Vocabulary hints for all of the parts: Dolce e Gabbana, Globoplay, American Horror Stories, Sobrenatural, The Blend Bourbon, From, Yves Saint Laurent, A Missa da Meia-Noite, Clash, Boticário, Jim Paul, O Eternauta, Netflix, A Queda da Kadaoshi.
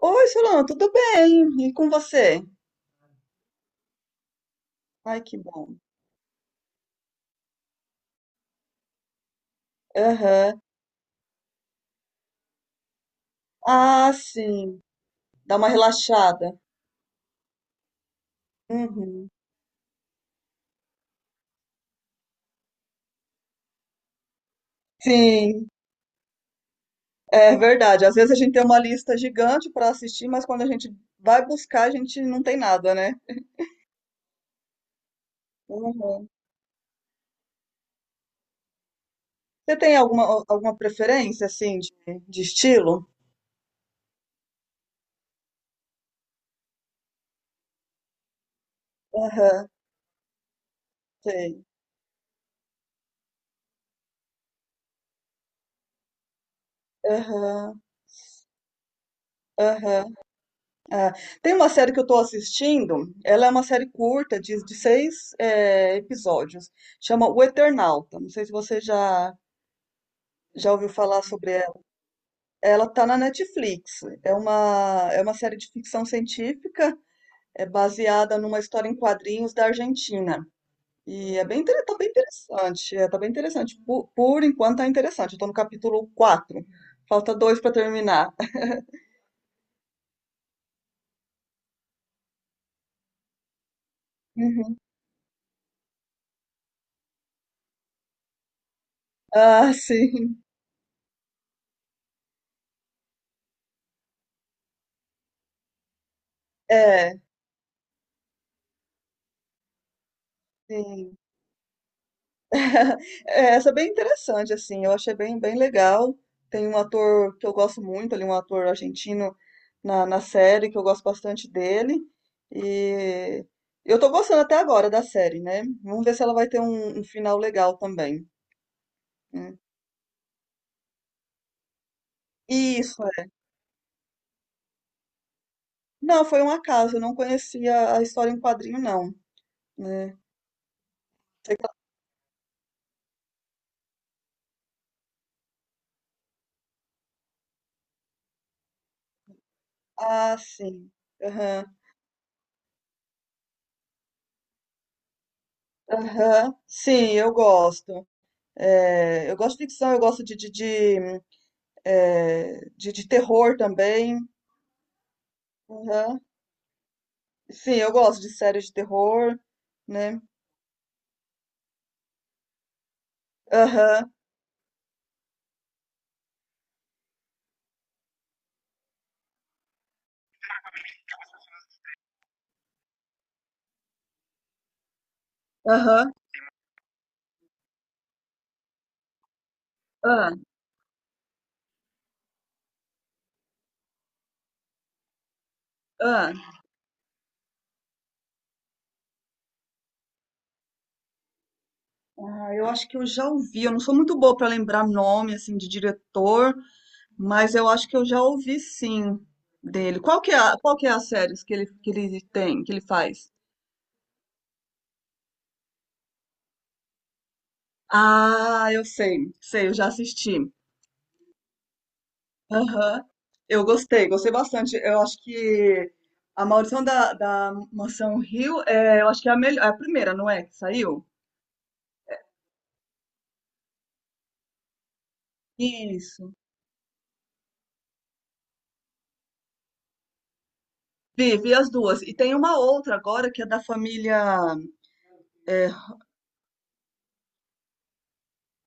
Oi, Solano, tudo bem? E com você? Ai, que bom. Aham. Ah, sim. Dá uma relaxada. Uhum. Sim, é verdade. Às vezes a gente tem uma lista gigante para assistir, mas quando a gente vai buscar, a gente não tem nada, né? Uhum. Você tem alguma preferência, assim, de estilo? Aham, tem. Aham, aham. Tem uma série que eu estou assistindo, ela é uma série curta, de seis episódios, chama O Eternauta. Não sei se você já ouviu falar sobre ela. Ela está na Netflix. É uma série de ficção científica, é baseada numa história em quadrinhos da Argentina. E é bem, tá bem interessante, tá bem interessante. Por enquanto tá interessante. Eu tô no capítulo 4. Falta dois para terminar. Uhum. Ah, sim. É, sim. É, essa é bem interessante, assim, eu achei bem legal. Tem um ator que eu gosto muito ali, um ator argentino na série, que eu gosto bastante dele. E eu tô gostando até agora da série, né? Vamos ver se ela vai ter um final legal também. Né? Isso, é. Não, foi um acaso, eu não conhecia a história em quadrinho, não, né? Sei que- Ah, sim. Aham. Aham. Sim, eu gosto. É, eu gosto de ficção, eu gosto de de terror também. Aham. Sim, eu gosto de séries de terror, né? Aham, aham, ah, ah. Ah, eu acho que eu já ouvi. Eu não sou muito boa para lembrar nome assim de diretor, mas eu acho que eu já ouvi sim dele. Qual que é as séries que ele tem, que ele faz? Ah, eu sei, sei, eu já assisti. Aham. Eu gostei, gostei bastante. Eu acho que a Maldição da Mansão Hill, eu acho que é a melhor, é a primeira, não é? Que saiu? Isso. Vi, vi as duas. E tem uma outra agora que é da família. É,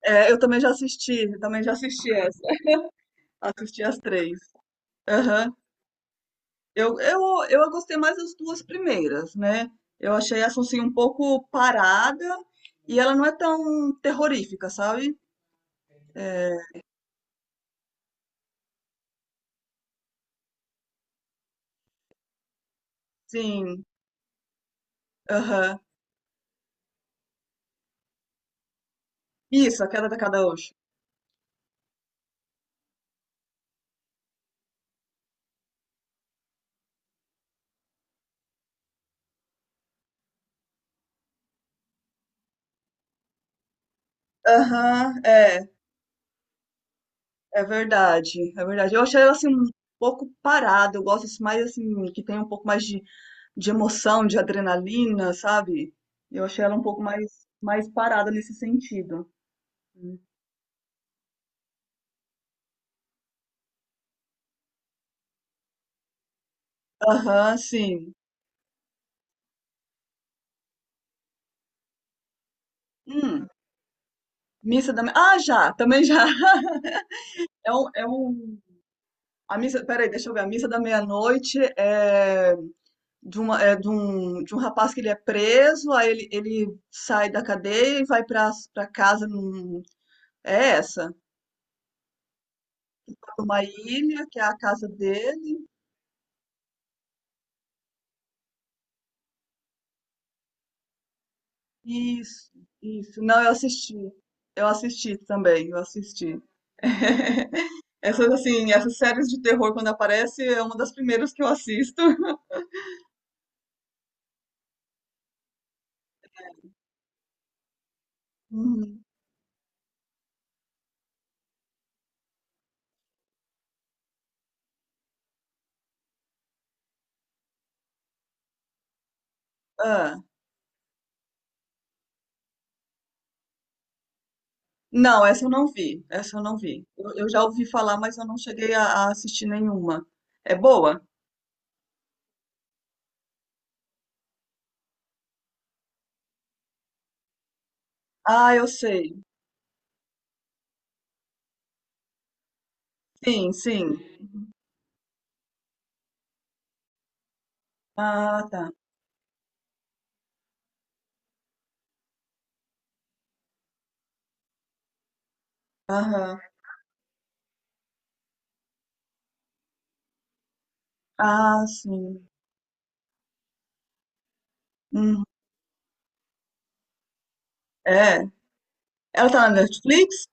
é, eu também já assisti essa. Assisti as três. Aham. Eu, eu, eu gostei mais das duas primeiras, né? Eu achei essa assim um pouco parada e ela não é tão terrorífica, sabe? É, sim. Aham. Isso, A Queda da Kadaoshi. Aham, é verdade, é verdade. Eu achei ela assim um pouco parada, eu gosto assim, mais assim, que tem um pouco mais de emoção, de adrenalina, sabe? Eu achei ela um pouco mais, mais parada nesse sentido. Aham, sim. Hum, Ah, já, também já. É um, é um... A missa, peraí, deixa eu ver. A missa da meia-noite é de um rapaz que ele é preso, aí ele sai da cadeia e vai para casa é essa, uma ilha que é a casa dele. Isso, isso. Não, eu assisti. Eu assisti também, eu assisti. Essas séries de terror quando aparece é uma das primeiras que eu assisto. Uhum. Ah, não, essa eu não vi. Essa eu não vi. Eu já ouvi falar, mas eu não cheguei a assistir nenhuma. É boa? Ah, eu sei. Sim, sim. Ah, tá. Aham. Ah, sim. Uhum. É. Ela tá na Netflix?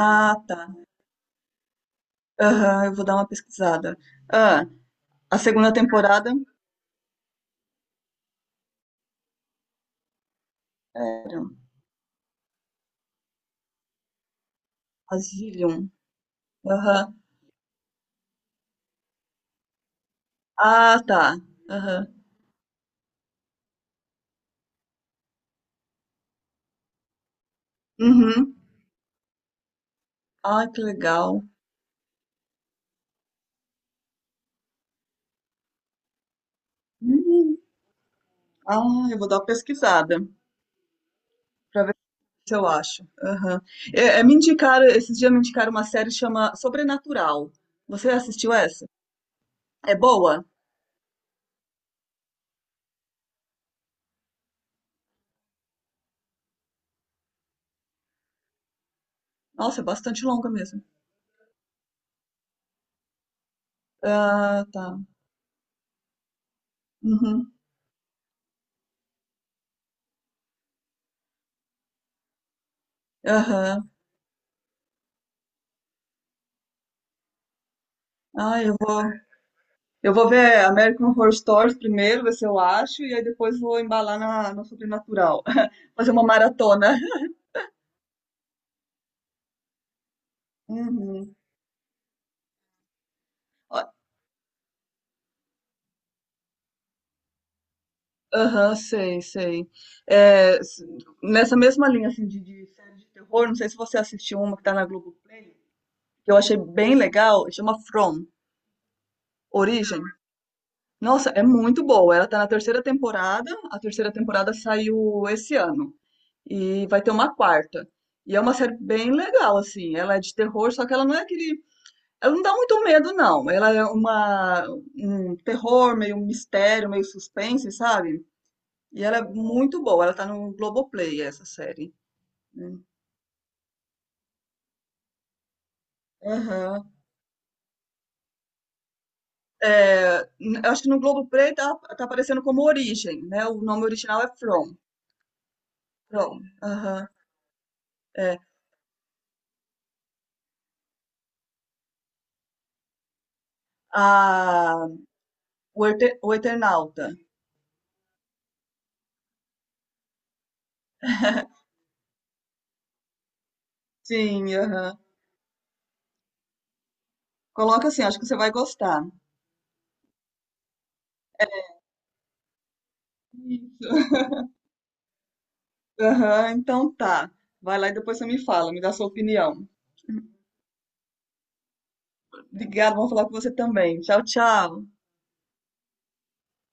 Ah, tá. Aham, eu vou dar uma pesquisada. Ah, a segunda temporada era Asylum. Aham. Ah, tá. Aham. Uhum. Ah, que legal. Hum. Ah, eu vou dar uma pesquisada pra ver se eu acho. Aham. Me indicaram, esses dias me indicaram uma série que chama Sobrenatural. Você assistiu essa? É boa? Nossa, é bastante longa mesmo. Ah, tá. Uhum. Aham. Ah, eu vou ver American Horror Stories primeiro, ver se eu acho, e aí depois vou embalar no Sobrenatural. Fazer uma maratona. Uhum. Ó, aham, sei, sei. É, nessa mesma linha assim, de série de terror, não sei se você assistiu uma que tá na Globoplay, que eu achei bem legal, chama From, Origem. Nossa, é muito boa. Ela tá na terceira temporada. A terceira temporada saiu esse ano. E vai ter uma quarta. E é uma série bem legal, assim. Ela é de terror, só que ela não é aquele. Ela não dá muito medo, não. Um terror, meio um mistério, meio suspense, sabe? E ela é muito boa. Ela tá no Globoplay, essa série. Hum. Aham. É, eu acho que no Globoplay tá aparecendo como Origem, né? O nome original é From. From. Aham. É. A, o Eternauta. Sim, aham. Coloca assim, acho que você vai gostar. Isso. Aham, então tá. Vai lá e depois você me fala, me dá sua opinião. Obrigada, vamos falar com você também. Tchau, tchau.